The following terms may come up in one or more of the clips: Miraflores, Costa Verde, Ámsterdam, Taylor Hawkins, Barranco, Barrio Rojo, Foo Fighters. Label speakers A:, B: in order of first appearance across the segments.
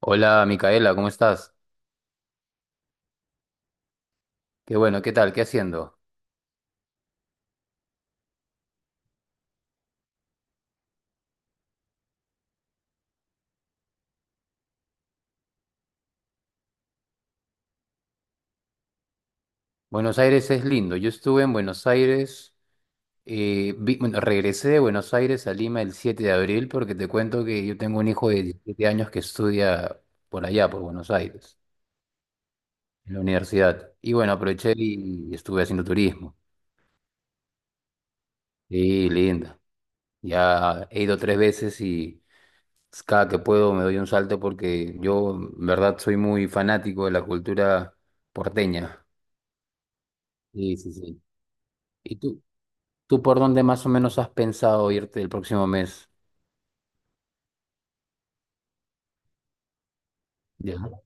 A: Hola Micaela, ¿cómo estás? Qué bueno, ¿qué tal? ¿Qué haciendo? Buenos Aires es lindo. Yo estuve en Buenos Aires, bueno, regresé de Buenos Aires a Lima el 7 de abril porque te cuento que yo tengo un hijo de 17 años que estudia por allá, por Buenos Aires, en la universidad. Y bueno, aproveché y estuve haciendo turismo. Sí, linda. Ya he ido tres veces y cada que puedo me doy un salto porque yo, en verdad, soy muy fanático de la cultura porteña. Sí, sí, sí. ¿Y tú? ¿Tú por dónde más o menos has pensado irte el próximo mes? Ya.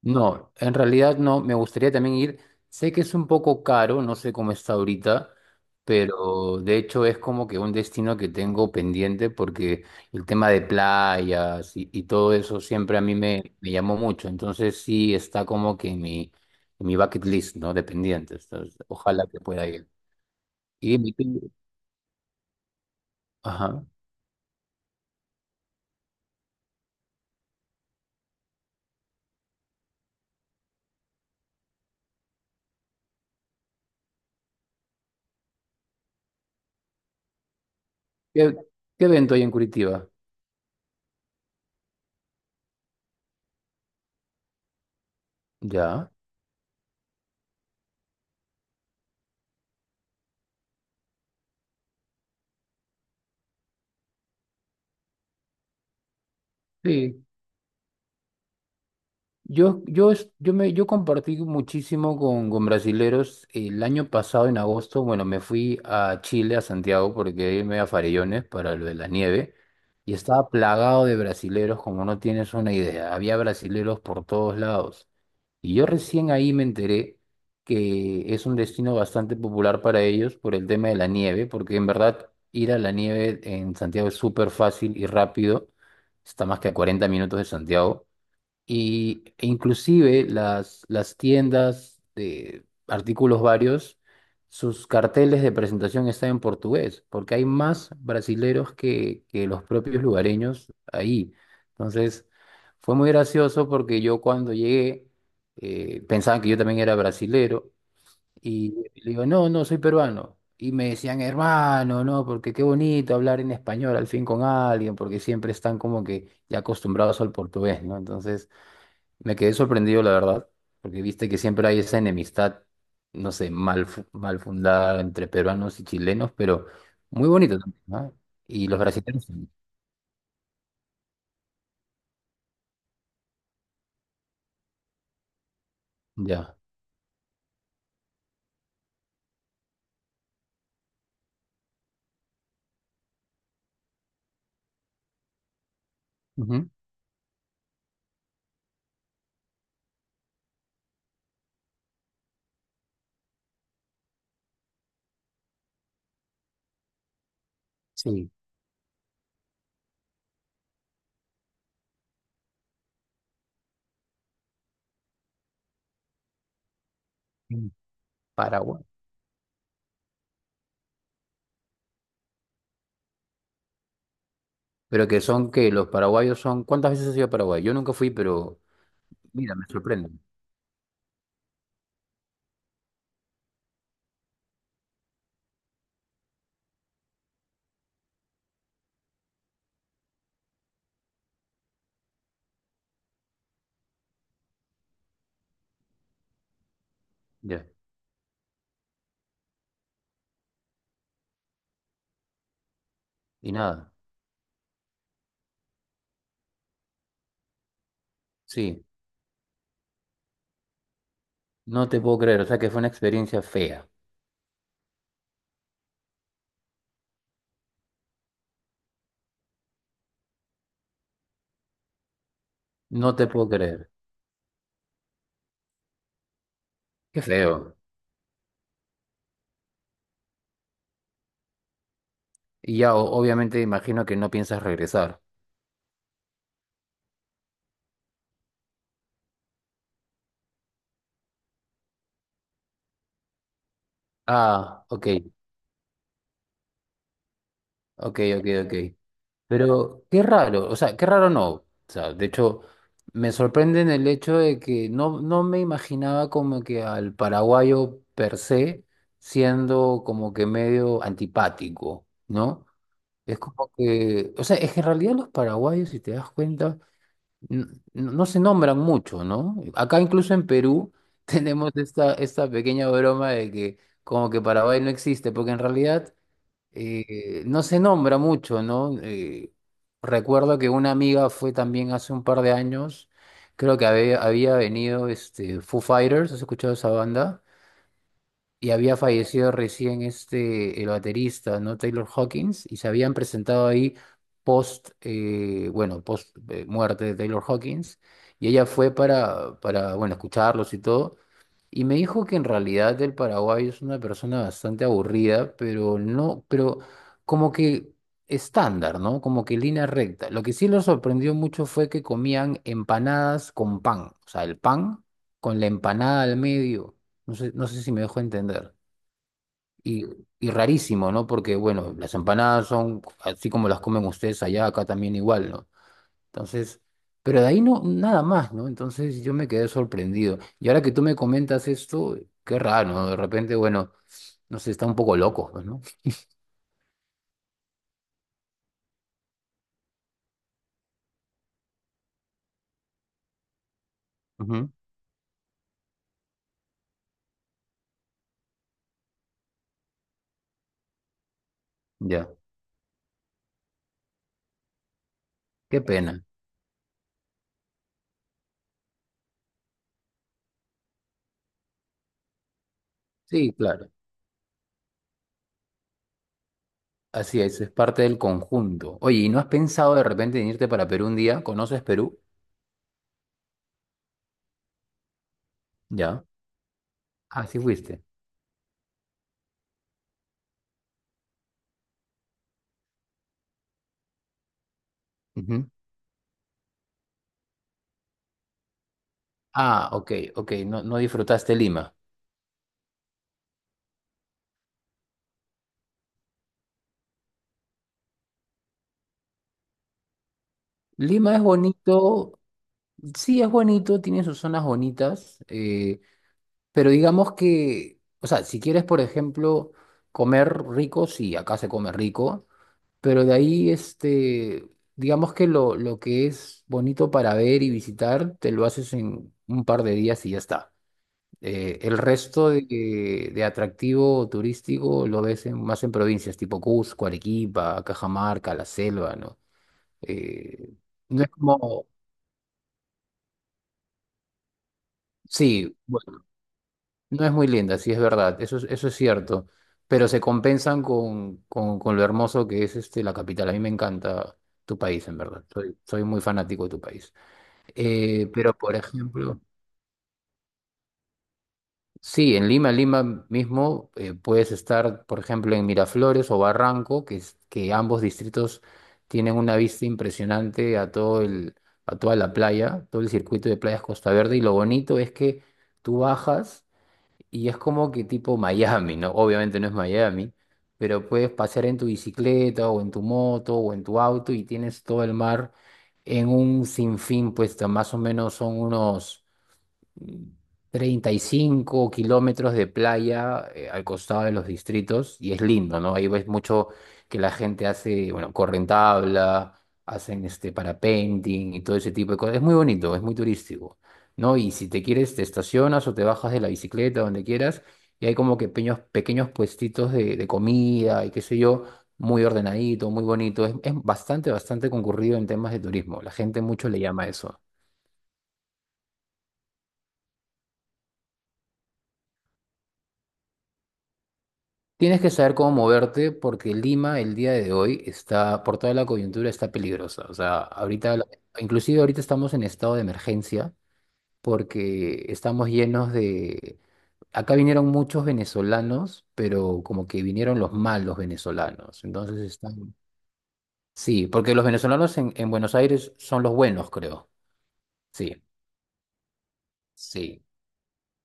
A: No, en realidad no, me gustaría también ir. Sé que es un poco caro, no sé cómo está ahorita, pero de hecho es como que un destino que tengo pendiente porque el tema de playas y todo eso siempre a mí me llamó mucho. Entonces sí está como que en mi, bucket list, ¿no? De pendientes. Entonces, ojalá que pueda ir. Y dime tú, ajá. ¿Qué, qué evento hay en Curitiba? Ya. Sí. Yo, es- yo, me, yo compartí muchísimo con brasileros el año pasado, en agosto. Bueno, me fui a Chile, a Santiago, porque quería irme a Farellones para lo de la nieve. Y estaba plagado de brasileros, como no tienes una idea. Había brasileros por todos lados. Y yo recién ahí me enteré que es un destino bastante popular para ellos por el tema de la nieve, porque en verdad ir a la nieve en Santiago es súper fácil y rápido. Está más que a 40 minutos de Santiago. Y, e inclusive las tiendas de artículos varios, sus carteles de presentación están en portugués, porque hay más brasileros que los propios lugareños ahí. Entonces, fue muy gracioso porque yo cuando llegué, pensaban que yo también era brasilero, y le digo, no, no, soy peruano. Y me decían, hermano, no, porque qué bonito hablar en español al fin con alguien, porque siempre están como que ya acostumbrados al portugués, ¿no? Entonces. Me quedé sorprendido, la verdad, porque viste que siempre hay esa enemistad, no sé, mal fundada entre peruanos y chilenos, pero muy bonito también, ¿no? Y los brasileños, también, ya. Ujú. Sí, en Paraguay. Pero que son que los paraguayos son, ¿cuántas veces has ido a Paraguay? Yo nunca fui, pero mira, me sorprenden. Ya. Y nada, sí, no te puedo creer, o sea que fue una experiencia fea. No te puedo creer. Qué feo. Y ya, obviamente, imagino que no piensas regresar. Ah, ok. Ok, ok, ok. Pero qué raro, o sea, qué raro no. O sea, de hecho, me sorprende en el hecho de que no me imaginaba como que al paraguayo per se siendo como que medio antipático, ¿no? Es como que, o sea, es que en realidad los paraguayos, si te das cuenta, n- no se nombran mucho, ¿no? Acá incluso en Perú tenemos esta pequeña broma de que como que Paraguay no existe, porque en realidad no se nombra mucho, ¿no? Recuerdo que una amiga fue también hace un par de años, creo que había venido Foo Fighters, ¿has escuchado esa banda? Y había fallecido recién el baterista, ¿no? Taylor Hawkins, y se habían presentado ahí post, bueno, post muerte de Taylor Hawkins, y ella fue para, bueno, escucharlos y todo. Y me dijo que en realidad el paraguayo es una persona bastante aburrida, pero no, pero como que estándar, ¿no? Como que línea recta. Lo que sí lo sorprendió mucho fue que comían empanadas con pan, o sea, el pan con la empanada al medio. No sé si me dejo entender. Y, y rarísimo, ¿no? Porque, bueno, las empanadas son así como las comen ustedes allá, acá también igual, ¿no? Entonces, pero de ahí no, nada más, ¿no? Entonces yo me quedé sorprendido. Y ahora que tú me comentas esto, qué raro, ¿no? De repente, bueno, no sé, está un poco loco, pues, ¿no? Ujú. Ya, qué pena. Sí, claro. Así es parte del conjunto. Oye, ¿y no has pensado de repente en irte para Perú un día? ¿Conoces Perú? Ya. Ah, sí fuiste. Ujú. Ah, ok, ok, no, no disfrutaste Lima. Lima es bonito, sí es bonito, tiene sus zonas bonitas. Pero digamos que, o sea, si quieres, por ejemplo, comer rico, sí, acá se come rico, pero de ahí, digamos que lo, que es bonito para ver y visitar, te lo haces en un par de días y ya está. El resto de, atractivo turístico lo ves más en provincias tipo Cusco, Arequipa, Cajamarca, la selva, ¿no? Eh, no es como, sí. No es muy linda, sí es verdad, eso es cierto, pero se compensan con, lo hermoso que es la capital. A mí me encanta tu país, en verdad, soy muy fanático de tu país. Pero, por ejemplo, sí, en Lima, Lima mismo, puedes estar, por ejemplo, en Miraflores o Barranco, que ambos distritos tienen una vista impresionante a a toda la playa, todo el circuito de playas Costa Verde, y lo bonito es que tú bajas. Y es como que tipo Miami, ¿no? Obviamente no es Miami, pero puedes pasear en tu bicicleta o en tu moto o en tu auto y tienes todo el mar en un sinfín, pues más o menos son unos 35 kilómetros de playa al costado de los distritos y es lindo, ¿no? Ahí ves mucho que la gente hace, bueno, corren tabla, hacen este parapenting y todo ese tipo de cosas. Es muy bonito, es muy turístico, ¿no? Y si te quieres, te estacionas o te bajas de la bicicleta, donde quieras, y hay como que pequeños, pequeños puestitos de, comida y qué sé yo, muy ordenadito, muy bonito. Es bastante, bastante concurrido en temas de turismo. La gente mucho le llama eso. Tienes que saber cómo moverte porque Lima el día de hoy está, por toda la coyuntura, está peligrosa. O sea, ahorita, inclusive ahorita estamos en estado de emergencia porque estamos llenos de. Acá vinieron muchos venezolanos, pero como que vinieron los malos venezolanos. Entonces están. Sí, porque los venezolanos en, Buenos Aires son los buenos, creo. Sí, sí.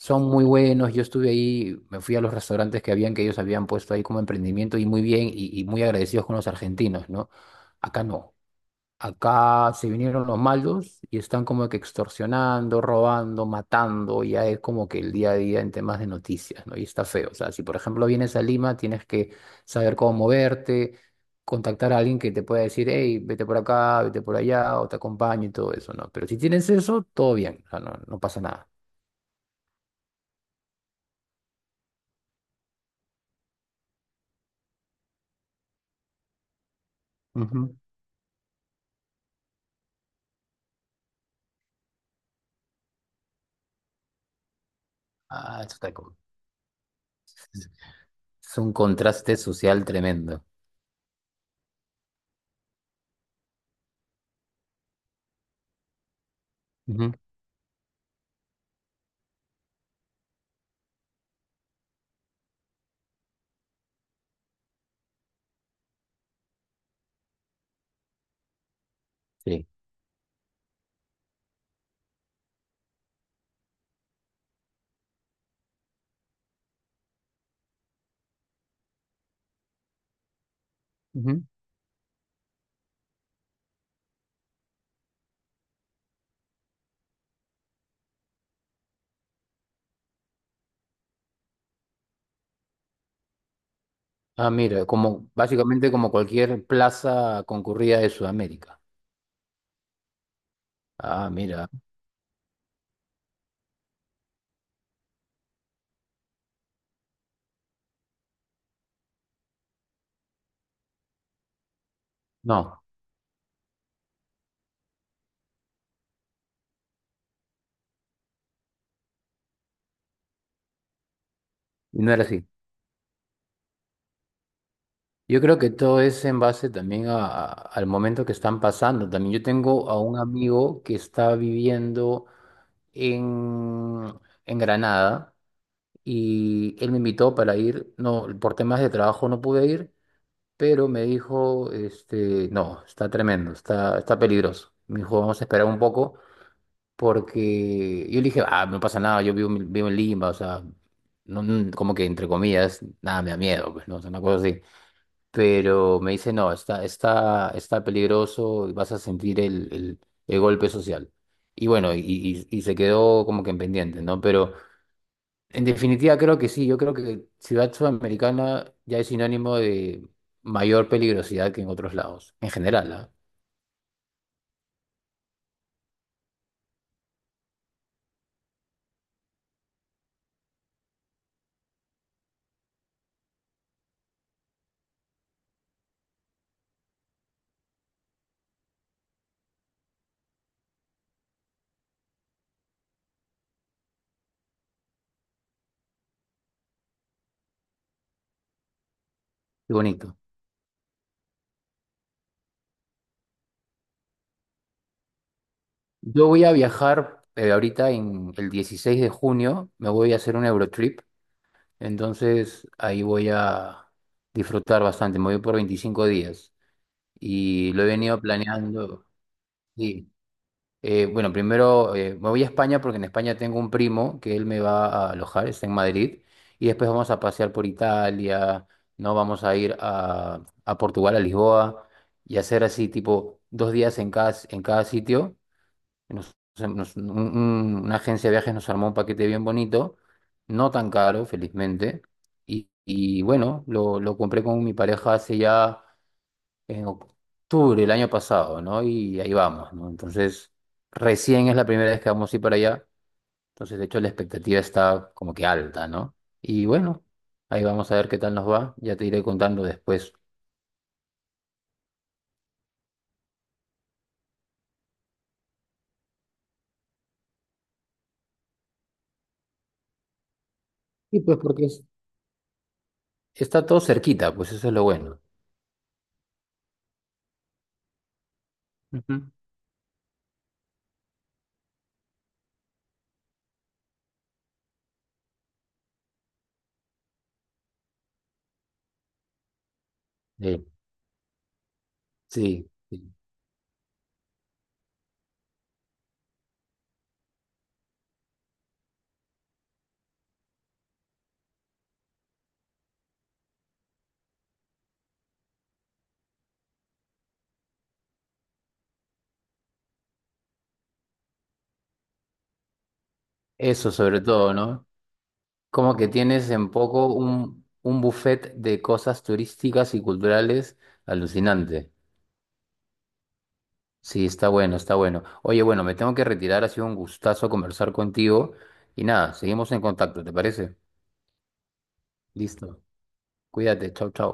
A: Son muy buenos, yo estuve ahí, me fui a los restaurantes que ellos habían puesto ahí como emprendimiento y muy bien y muy agradecidos con los argentinos, ¿no? Acá no, acá se vinieron los malos y están como que extorsionando, robando, matando, ya es como que el día a día en temas de noticias, ¿no? Y está feo, o sea, si por ejemplo vienes a Lima, tienes que saber cómo moverte, contactar a alguien que te pueda decir, hey, vete por acá, vete por allá, o te acompaño y todo eso, ¿no? Pero si tienes eso, todo bien, o sea, no, no pasa nada. Ah, eso está es un contraste social tremendo. Ujú. Sí. Ujú. Ah, mira, como básicamente como cualquier plaza concurrida de Sudamérica. Ah, mira. No, no era así. Yo creo que todo es en base también al momento que están pasando. También yo tengo a un amigo que está viviendo en, Granada y él me invitó para ir. No, por temas de trabajo no pude ir, pero me dijo, no, está tremendo, está peligroso. Me dijo, vamos a esperar un poco, porque yo le dije, ah, no pasa nada, yo vivo, vivo en Lima, o sea, no, no, como que entre comillas, nada, me da miedo, pues, no, o sea, una cosa así. Pero me dice, no, está peligroso, y vas a sentir el golpe social. Y bueno, y se quedó como que en pendiente, ¿no? Pero. En definitiva, creo que sí. Yo creo que Ciudad Sudamericana ya es sinónimo de mayor peligrosidad que en otros lados, en general, ¿ah? Qué bonito. Yo voy a viajar ahorita en el 16 de junio, me voy a hacer un Eurotrip, entonces ahí voy a disfrutar bastante. Me voy por 25 días y lo he venido planeando. Sí. Bueno, primero me voy a España porque en España tengo un primo que él me va a alojar, está en Madrid, y después vamos a pasear por Italia, no vamos a ir a, Portugal, a Lisboa, y hacer así tipo 2 días en cada, sitio. Una agencia de viajes nos armó un paquete bien bonito, no tan caro, felizmente, y bueno, lo, compré con mi pareja hace ya en octubre el año pasado, ¿no? Y ahí vamos, ¿no? Entonces, recién es la primera vez que vamos a ir para allá. Entonces, de hecho, la expectativa está como que alta, ¿no? Y bueno, ahí vamos a ver qué tal nos va. Ya te iré contando después. Y pues porque está todo cerquita, pues eso es lo bueno. Ujú. Sí, sí, sí. Eso sobre todo, ¿no? Como que tienes en poco un, buffet de cosas turísticas y culturales alucinante. Sí, está bueno, está bueno. Oye, bueno, me tengo que retirar, ha sido un gustazo conversar contigo y nada, seguimos en contacto, ¿te parece? Listo. Cuídate, chau, chau.